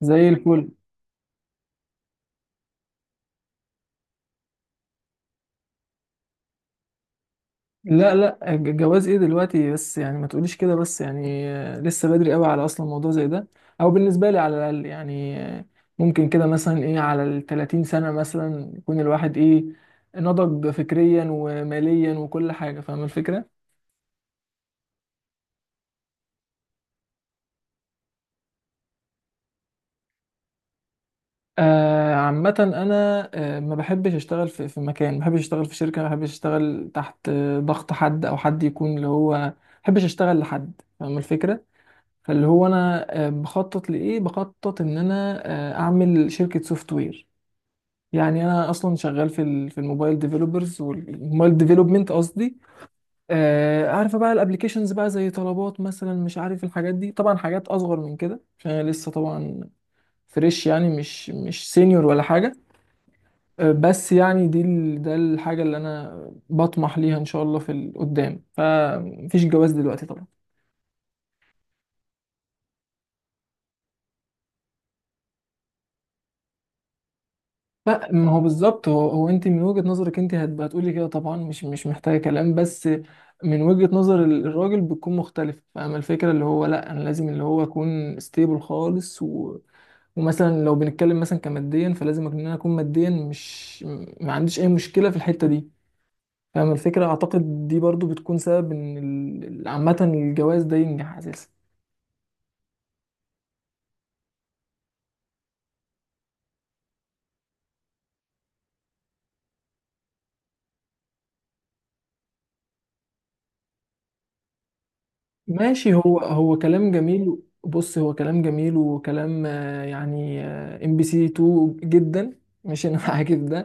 زي الفل. لا لا الج- الجواز ايه دلوقتي؟ بس يعني ما تقوليش كده. بس يعني لسه بدري قوي على اصلا موضوع زي ده، او بالنسبه لي على الاقل. يعني ممكن كده مثلا ايه على ال 30 سنه مثلا يكون الواحد ايه، نضج فكريا وماليا وكل حاجه. فاهم الفكره؟ عامه انا ما بحبش اشتغل في مكان، ما بحبش اشتغل في شركه، ما بحبش اشتغل تحت ضغط حد، او حد يكون اللي هو ما بحبش اشتغل لحد. فاهم الفكره؟ فاللي هو انا بخطط لايه؟ بخطط ان انا اعمل شركه سوفت وير. يعني انا اصلا شغال في الموبايل ديفلوبرز، والموبايل ديفلوبمنت قصدي. عارفه بقى الابليكيشنز بقى، زي طلبات مثلا، مش عارف الحاجات دي. طبعا حاجات اصغر من كده عشان انا لسه طبعا فريش، يعني مش سينيور ولا حاجه. بس يعني ده الحاجه اللي انا بطمح ليها ان شاء الله في القدام. فمفيش جواز دلوقتي طبعا. لا، ما هو بالظبط. هو انت من وجهة نظرك انت هتبقى تقولي كده طبعا، مش محتاجة كلام. بس من وجهة نظر الراجل بتكون مختلفة. فاهمة الفكرة؟ اللي هو لا، انا لازم اللي هو اكون ستيبل خالص، و ومثلا لو بنتكلم مثلا كماديا، فلازم ان انا اكون ماديا مش ما عنديش اي مشكلة في الحتة دي. فاهمة الفكرة؟ اعتقد دي برضو بتكون سبب ان عامة الجواز ده ينجح اساسا. ماشي، هو كلام جميل. بص، هو كلام جميل، وكلام يعني ام بي سي 2 جدا. مش انا معاك في ده،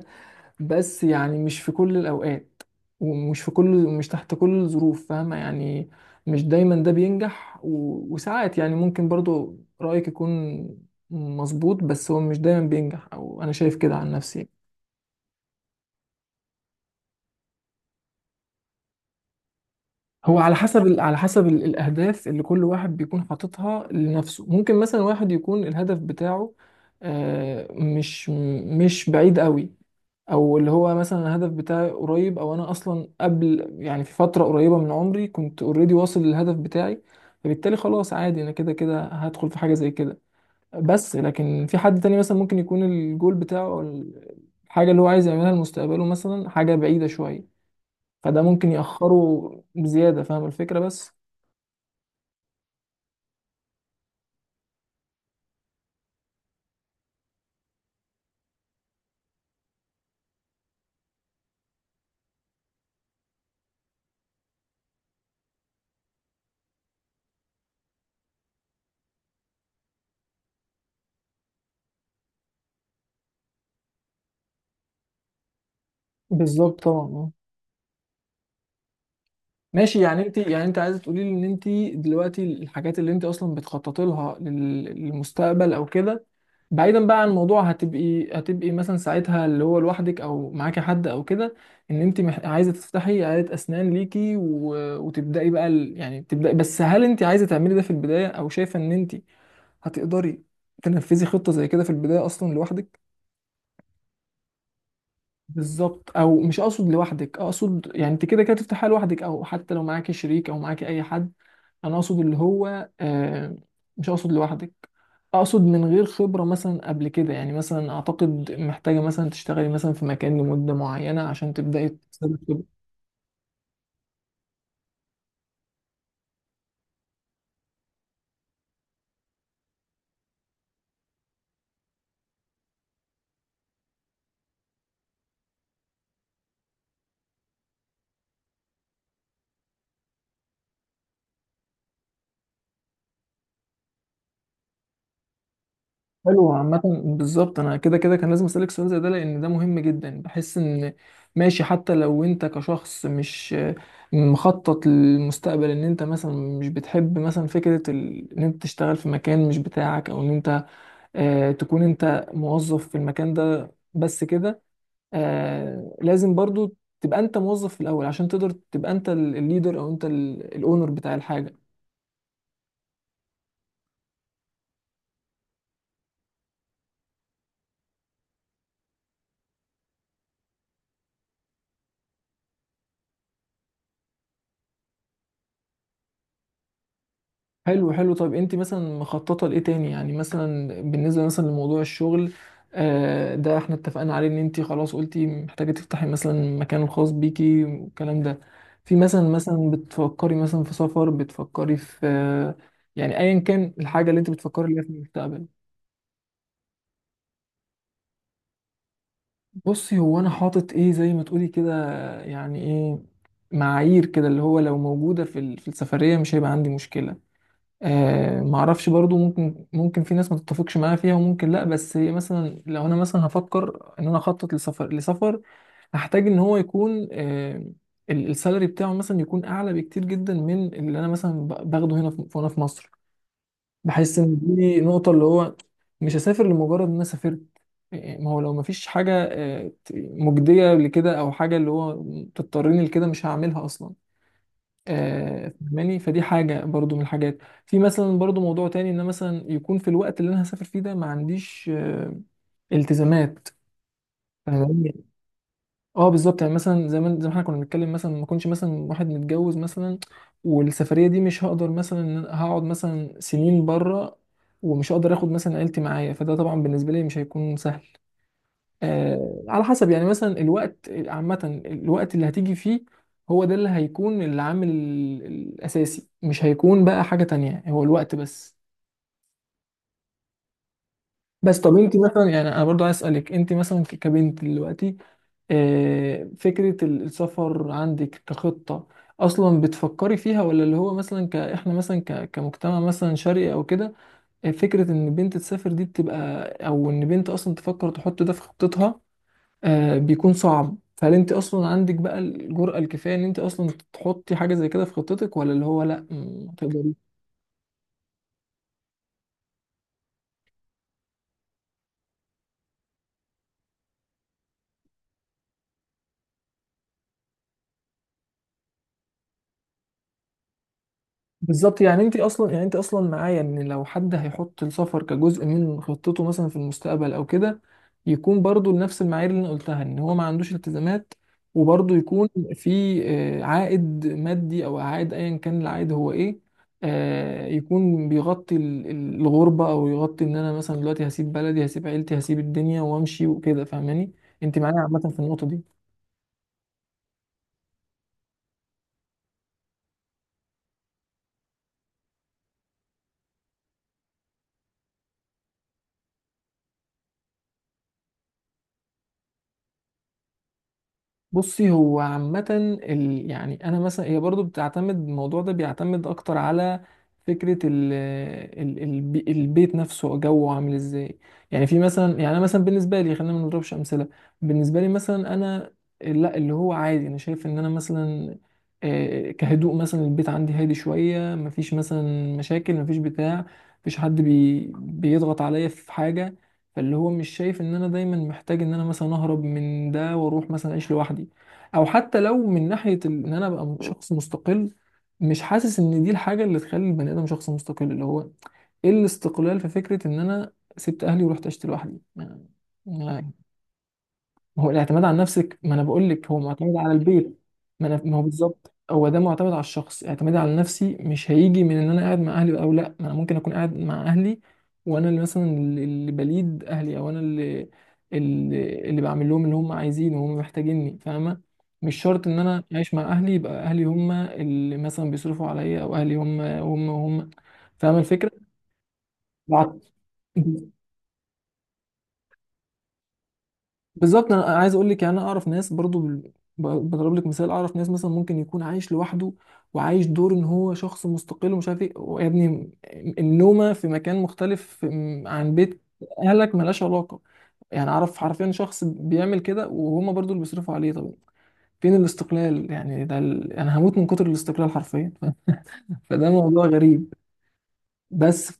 بس يعني مش في كل الاوقات، ومش في كل مش تحت كل الظروف. فاهمة يعني؟ مش دايما ده بينجح، و وساعات يعني ممكن برضو رأيك يكون مظبوط، بس هو مش دايما بينجح، او انا شايف كده عن نفسي. هو على حسب الأهداف اللي كل واحد بيكون حاططها لنفسه. ممكن مثلا واحد يكون الهدف بتاعه آه، مش مش بعيد قوي، او اللي هو مثلا الهدف بتاعي قريب، او انا اصلا قبل يعني في فترة قريبة من عمري كنت اوريدي واصل للهدف بتاعي. فبالتالي خلاص عادي، انا كده كده هدخل في حاجة زي كده. بس لكن في حد تاني مثلا ممكن يكون الجول بتاعه، او الحاجة اللي هو عايز يعملها لمستقبله مثلا حاجة بعيدة شوية، فده ممكن يأخره بزيادة. فاهم الفكرة؟ بس بالظبط طبعا. اه ماشي. يعني انت يعني انت عايزه تقولي لي ان انت دلوقتي الحاجات اللي انت اصلا بتخططي لها للمستقبل او كده، بعيدا بقى عن الموضوع، هتبقي مثلا ساعتها اللي هو لوحدك، او معاكي حد او كده. ان انت عايزه تفتحي عياده اسنان ليكي، و وتبداي بقى ال يعني تبداي. بس هل انت عايزه تعملي ده في البدايه؟ او شايفه ان انت هتقدري تنفذي خطه زي كده في البدايه اصلا لوحدك؟ بالظبط. او مش اقصد لوحدك، اقصد يعني انت كده كده تفتحها لوحدك، او حتى لو معاكي شريك او معاكي اي حد. انا اقصد اللي هو مش اقصد لوحدك. اقصد من غير خبرة مثلا قبل كده، يعني مثلا اعتقد محتاجة مثلا تشتغلي مثلا في مكان لمدة معينة عشان تبدأي تكتسبي خبرة. حلو. عامة بالظبط، أنا كده كده كان لازم أسألك سؤال زي ده، لأن ده مهم جدا. بحس إن ماشي، حتى لو أنت كشخص مش مخطط للمستقبل، إن أنت مثلا مش بتحب مثلا فكرة ال إن أنت تشتغل في مكان مش بتاعك، أو إن أنت تكون أنت موظف في المكان ده بس كده، لازم برضو تبقى أنت موظف في الأول عشان تقدر تبقى أنت الليدر، أو أنت الأونر بتاع الحاجة. حلو طيب انت مثلا مخططه لايه تاني؟ يعني مثلا بالنسبه مثلا لموضوع الشغل ده احنا اتفقنا عليه، ان انت خلاص قلتي محتاجه تفتحي مثلا المكان الخاص بيكي والكلام ده. في مثلا بتفكري مثلا في سفر؟ بتفكري في يعني ايا كان الحاجه اللي انت بتفكري ليها في المستقبل. بصي، هو انا حاطط ايه زي ما تقولي كده، يعني ايه، معايير كده، اللي هو لو موجوده في السفريه مش هيبقى عندي مشكله. ما اعرفش برضو، ممكن في ناس ما تتفقش معايا فيها وممكن لا. بس مثلا لو انا مثلا هفكر ان انا اخطط لسفر هحتاج ان هو يكون السالري بتاعه مثلا يكون اعلى بكتير جدا من اللي انا مثلا باخده هنا في في مصر. بحس ان دي نقطة. اللي هو مش هسافر لمجرد ان انا سافرت. ما هو لو ما فيش حاجة مجدية لكده، او حاجة اللي هو تضطرني لكده، مش هعملها اصلا. فاهماني؟ فدي حاجة برضو من الحاجات. في مثلا برضو موضوع تاني، ان أنا مثلا يكون في الوقت اللي انا هسافر فيه ده ما عنديش التزامات. فاهماني؟ اه بالظبط. يعني مثلا زي ما احنا كنا بنتكلم، مثلا ما كنتش مثلا واحد متجوز مثلا، والسفرية دي مش هقدر مثلا إن أنا هقعد مثلا سنين بره، ومش هقدر اخد مثلا عيلتي معايا، فده طبعا بالنسبة لي مش هيكون سهل. على حسب يعني مثلا الوقت، عامة الوقت اللي هتيجي فيه هو ده اللي هيكون العامل الأساسي، مش هيكون بقى حاجة تانية، هو الوقت بس. بس طب انت مثلا، يعني انا برضو عايز اسالك، انت مثلا كبنت دلوقتي فكره السفر عندك كخطه اصلا بتفكري فيها؟ ولا اللي هو مثلا ك احنا مثلا كمجتمع مثلا شرقي او كده، فكره ان بنت تسافر دي بتبقى، او ان بنت اصلا تفكر تحط ده في خطتها بيكون صعب. فهل انت اصلا عندك بقى الجرأة الكفاية ان انت اصلا تحطي حاجة زي كده في خطتك؟ ولا اللي هو لا ما تقدريش؟ بالظبط، يعني انت اصلا معايا ان لو حد هيحط السفر كجزء من خطته مثلا في المستقبل او كده، يكون برضو لنفس المعايير اللي انا قلتها، ان هو ما عندوش التزامات، وبرضو يكون في عائد مادي، او عائد ايا كان العائد هو ايه، يكون بيغطي الغربة، او يغطي ان انا مثلا دلوقتي هسيب بلدي، هسيب عيلتي، هسيب الدنيا وامشي وكده. فاهماني؟ انت معايا عامة في النقطة دي. بصي، هو عامة ال يعني أنا مثلا هي برضو بتعتمد، الموضوع ده بيعتمد أكتر على فكرة البيت نفسه جوه عامل إزاي. يعني في مثلا، يعني أنا مثلا بالنسبة لي، خلينا ما نضربش أمثلة. بالنسبة لي مثلا أنا لا، اللي هو عادي، أنا شايف إن أنا مثلا كهدوء مثلا البيت عندي هادي شوية، مفيش مثلا مشاكل، مفيش بتاع، مفيش حد بيضغط عليا في حاجة. فاللي هو مش شايف ان انا دايما محتاج ان انا مثلا اهرب من ده واروح مثلا اعيش لوحدي. او حتى لو من ناحية ان انا ابقى شخص مستقل، مش حاسس ان دي الحاجة اللي تخلي البني ادم شخص مستقل. اللي هو ايه الاستقلال في فكرة ان انا سبت اهلي ورحت عشت لوحدي؟ ما- ما هو الاعتماد على نفسك، ما انا بقول لك هو معتمد على البيت. ما هو بالظبط، هو ده معتمد على الشخص. اعتمادي على نفسي مش هيجي من ان انا قاعد مع اهلي او لا. ما انا ممكن اكون قاعد مع اهلي وانا اللي مثلا اللي بليد اهلي، او انا اللي اللي بعمل لهم اللي هم عايزينه وهم محتاجيني. فاهمه؟ مش شرط ان انا عايش مع اهلي يبقى اهلي هم اللي مثلا بيصرفوا عليا، او اهلي هم فاهمه الفكره؟ بعد- بالظبط. أنا عايز اقول لك، يعني انا اعرف ناس برضو بضرب لك مثال. اعرف ناس مثلا ممكن يكون عايش لوحده، وعايش دور ان هو شخص مستقل ومش عارف ايه. ويا ابني النومه في مكان مختلف عن بيت اهلك ملهاش علاقه. يعني اعرف حرفيا شخص بيعمل كده وهما برضو اللي بيصرفوا عليه. طب فين الاستقلال؟ يعني ده ال انا هموت من كتر الاستقلال حرفيا فده موضوع غريب بس.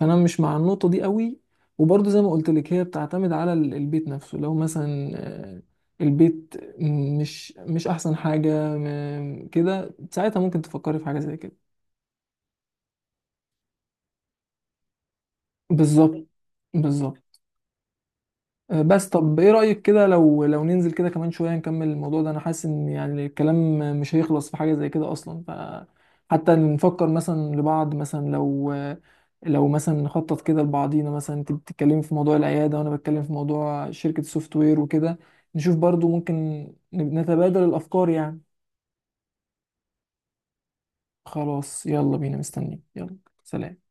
فانا مش مع النقطه دي قوي، وبرضه زي ما قلت لك، هي بتعتمد على البيت نفسه. لو مثلا البيت مش احسن حاجه كده، ساعتها ممكن تفكري في حاجه زي كده. بالظبط. بالظبط. بس طب ايه رأيك كده لو ننزل كده كمان شوية نكمل الموضوع ده؟ انا حاسس ان يعني الكلام مش هيخلص في حاجة زي كده اصلا. ف حتى نفكر مثلا لبعض، مثلا لو مثلا نخطط كده لبعضينا، مثلا انت بتتكلمي في موضوع العيادة، وانا بتكلم في موضوع شركة السوفت وير وكده، نشوف برضو ممكن نتبادل الافكار يعني. خلاص يلا بينا، مستنيين. يلا، سلام.